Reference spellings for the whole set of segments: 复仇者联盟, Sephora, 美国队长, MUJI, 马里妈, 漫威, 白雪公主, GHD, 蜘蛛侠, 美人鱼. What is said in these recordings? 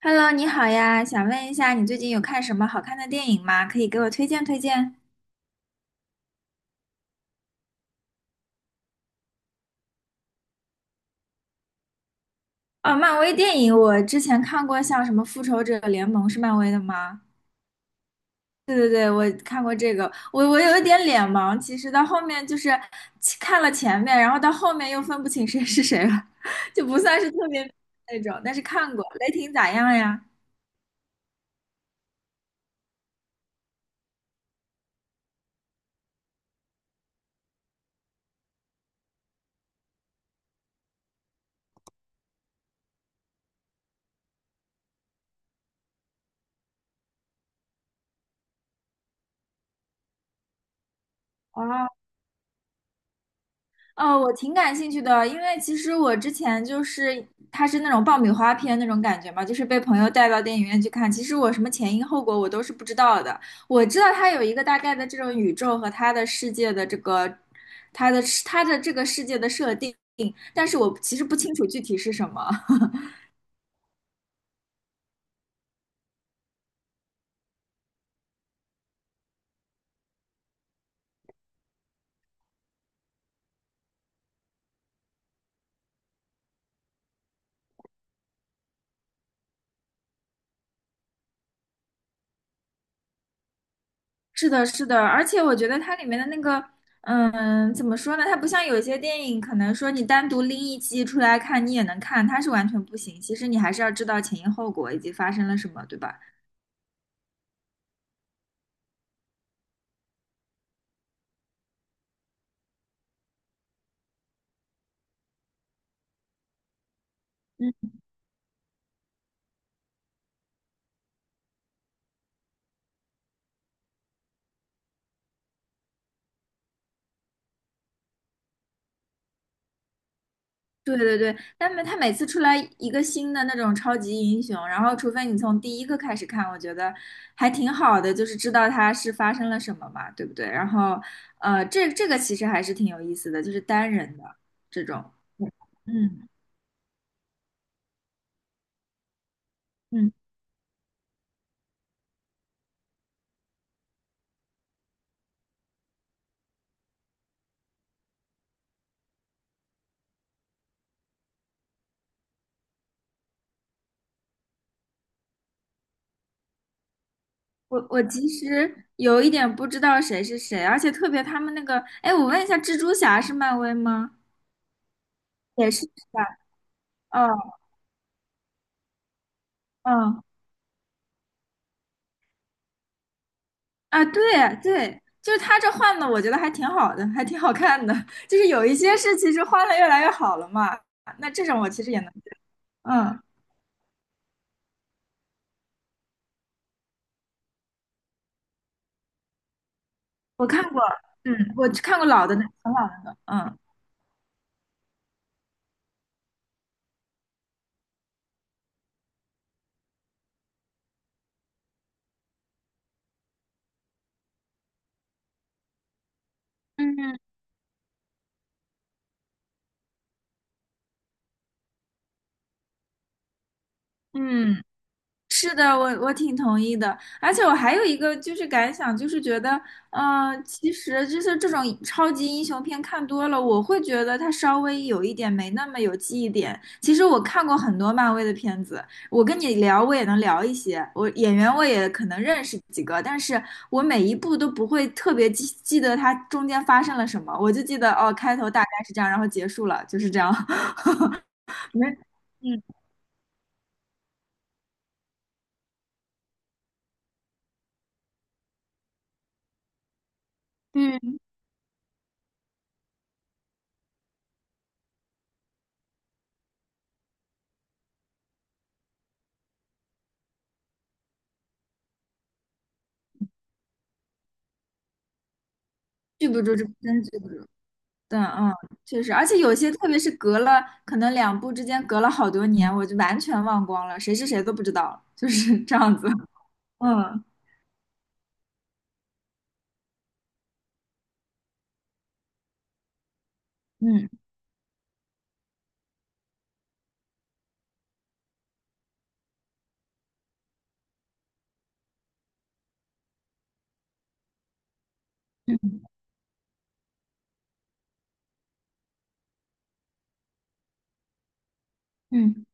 Hello，你好呀，想问一下，你最近有看什么好看的电影吗？可以给我推荐推荐。哦，漫威电影我之前看过，像什么《复仇者联盟》是漫威的吗？对对对，我看过这个。我有一点脸盲，其实到后面就是看了前面，然后到后面又分不清谁是谁了，就不算是特别那种，但是看过。雷霆咋样呀？哦，我挺感兴趣的，因为其实我之前就是它是那种爆米花片那种感觉嘛，就是被朋友带到电影院去看。其实我什么前因后果我都是不知道的，我知道它有一个大概的这种宇宙和它的世界的这个它的这个世界的设定，但是我其实不清楚具体是什么。是的，是的，而且我觉得它里面的那个，嗯，怎么说呢？它不像有一些电影，可能说你单独拎一集出来看，你也能看，它是完全不行。其实你还是要知道前因后果以及发生了什么，对吧？嗯，对对对，但每它每次出来一个新的那种超级英雄，然后除非你从第一个开始看，我觉得还挺好的，就是知道它是发生了什么嘛，对不对？然后，这个其实还是挺有意思的，就是单人的这种，嗯嗯。我其实有一点不知道谁是谁，而且特别他们那个，哎，我问一下，蜘蛛侠是漫威吗？也是是吧？嗯嗯啊，对对，就是他这换的，我觉得还挺好的，还挺好看的。就是有一些是其实换了越来越好了嘛，那这种我其实也能，嗯，我看过，嗯，我看过老的那很老的那个，嗯嗯，嗯。是的，我挺同意的，而且我还有一个就是感想，就是觉得，其实就是这种超级英雄片看多了，我会觉得它稍微有一点没那么有记忆点。其实我看过很多漫威的片子，我跟你聊我也能聊一些，我演员我也可能认识几个，但是我每一部都不会特别记得它中间发生了什么，我就记得哦，开头大概是这样，然后结束了，就是这样，没，嗯嗯，记不住这真记不住。对，嗯，确实，而且有些，特别是隔了可能两部之间隔了好多年，我就完全忘光了，谁是谁都不知道了就是这样子。嗯嗯嗯嗯。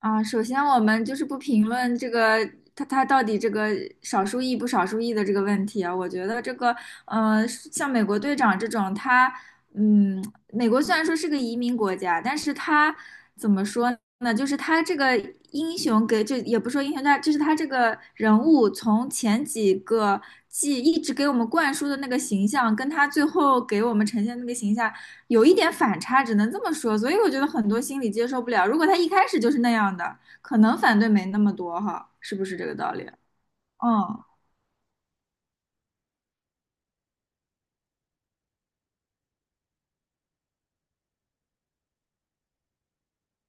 啊，首先我们就是不评论这个他到底这个少数裔不少数裔的这个问题啊，我觉得这个像美国队长这种，他嗯，美国虽然说是个移民国家，但是他怎么说呢？就是他这个英雄给，就也不说英雄，他就是他这个人物从前几个季一直给我们灌输的那个形象，跟他最后给我们呈现的那个形象。有一点反差，只能这么说。所以我觉得很多心理接受不了。如果他一开始就是那样的，可能反对没那么多哈，是不是这个道理？嗯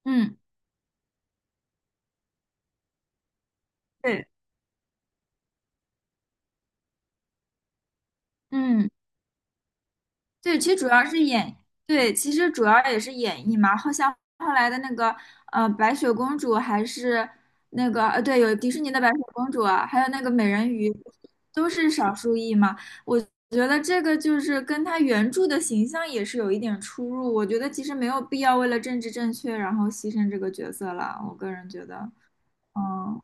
嗯，对，嗯。对，其实主要是演，对，其实主要也是演绎嘛。好像后来的那个白雪公主还是那个对，有迪士尼的白雪公主啊，还有那个美人鱼，都是少数裔嘛。我觉得这个就是跟她原著的形象也是有一点出入。我觉得其实没有必要为了政治正确然后牺牲这个角色了。我个人觉得，嗯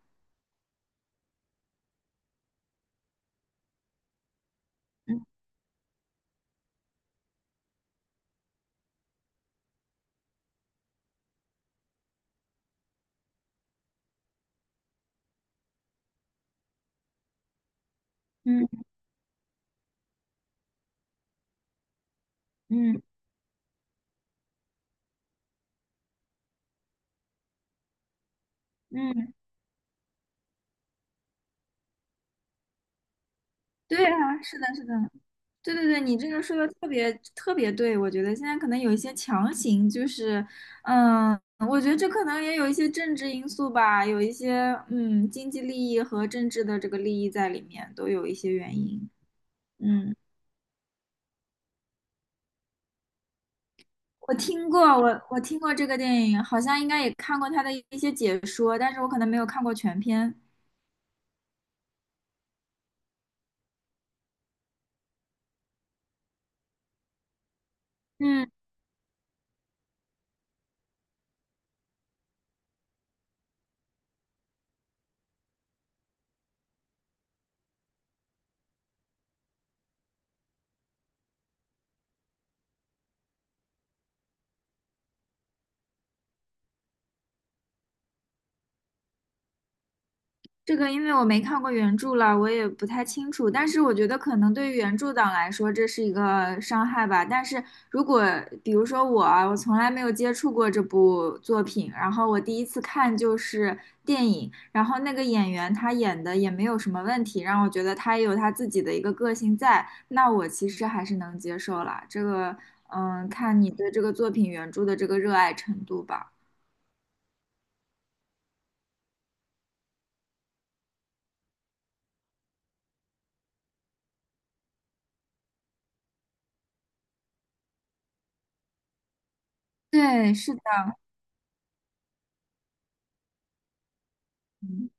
嗯嗯嗯嗯，对啊，是的，是的。对对对，你这个说的特别特别对，我觉得现在可能有一些强行，就是，嗯，我觉得这可能也有一些政治因素吧，有一些嗯经济利益和政治的这个利益在里面，都有一些原因。嗯，我听过，我听过这个电影，好像应该也看过他的一些解说，但是我可能没有看过全片。嗯。这个因为我没看过原著了，我也不太清楚。但是我觉得可能对于原著党来说，这是一个伤害吧。但是如果比如说我啊，我从来没有接触过这部作品，然后我第一次看就是电影，然后那个演员他演的也没有什么问题，让我觉得他也有他自己的一个个性在，那我其实还是能接受啦。这个，嗯，看你对这个作品原著的这个热爱程度吧。对，是的，嗯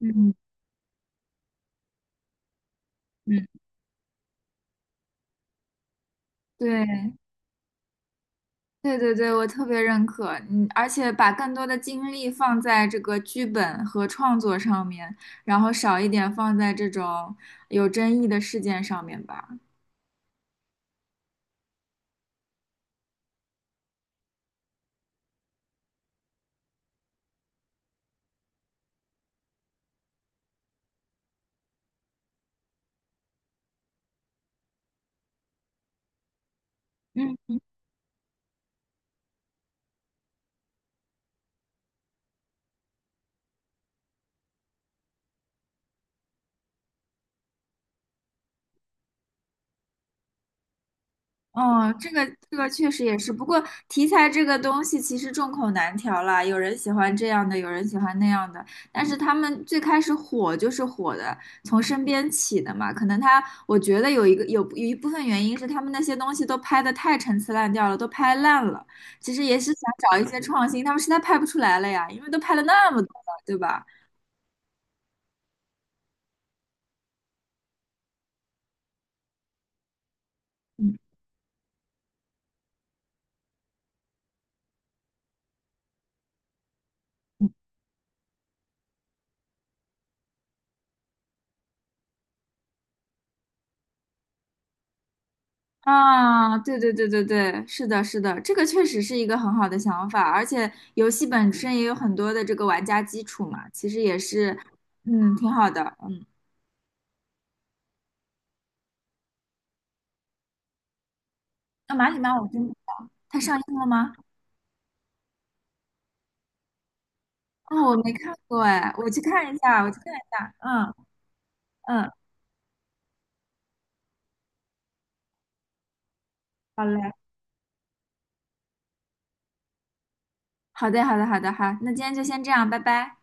嗯。嗯对，对对对，我特别认可，嗯，而且把更多的精力放在这个剧本和创作上面，然后少一点放在这种有争议的事件上面吧。嗯。哦，这个这个确实也是，不过题材这个东西其实众口难调啦，有人喜欢这样的，有人喜欢那样的，但是他们最开始火就是火的，从身边起的嘛。可能他，我觉得有有一部分原因是他们那些东西都拍的太陈词滥调了，都拍烂了。其实也是想找一些创新，他们实在拍不出来了呀，因为都拍了那么多了，对吧？嗯嗯啊，对对对对对，是的，是的，这个确实是一个很好的想法，而且游戏本身也有很多的这个玩家基础嘛，其实也是，嗯，挺好的，嗯。那马里妈我真不知道，它上映了吗？啊、我没看过哎，我去看一下，我去看一下，嗯嗯，好嘞，好的好的好的好，那今天就先这样，拜拜。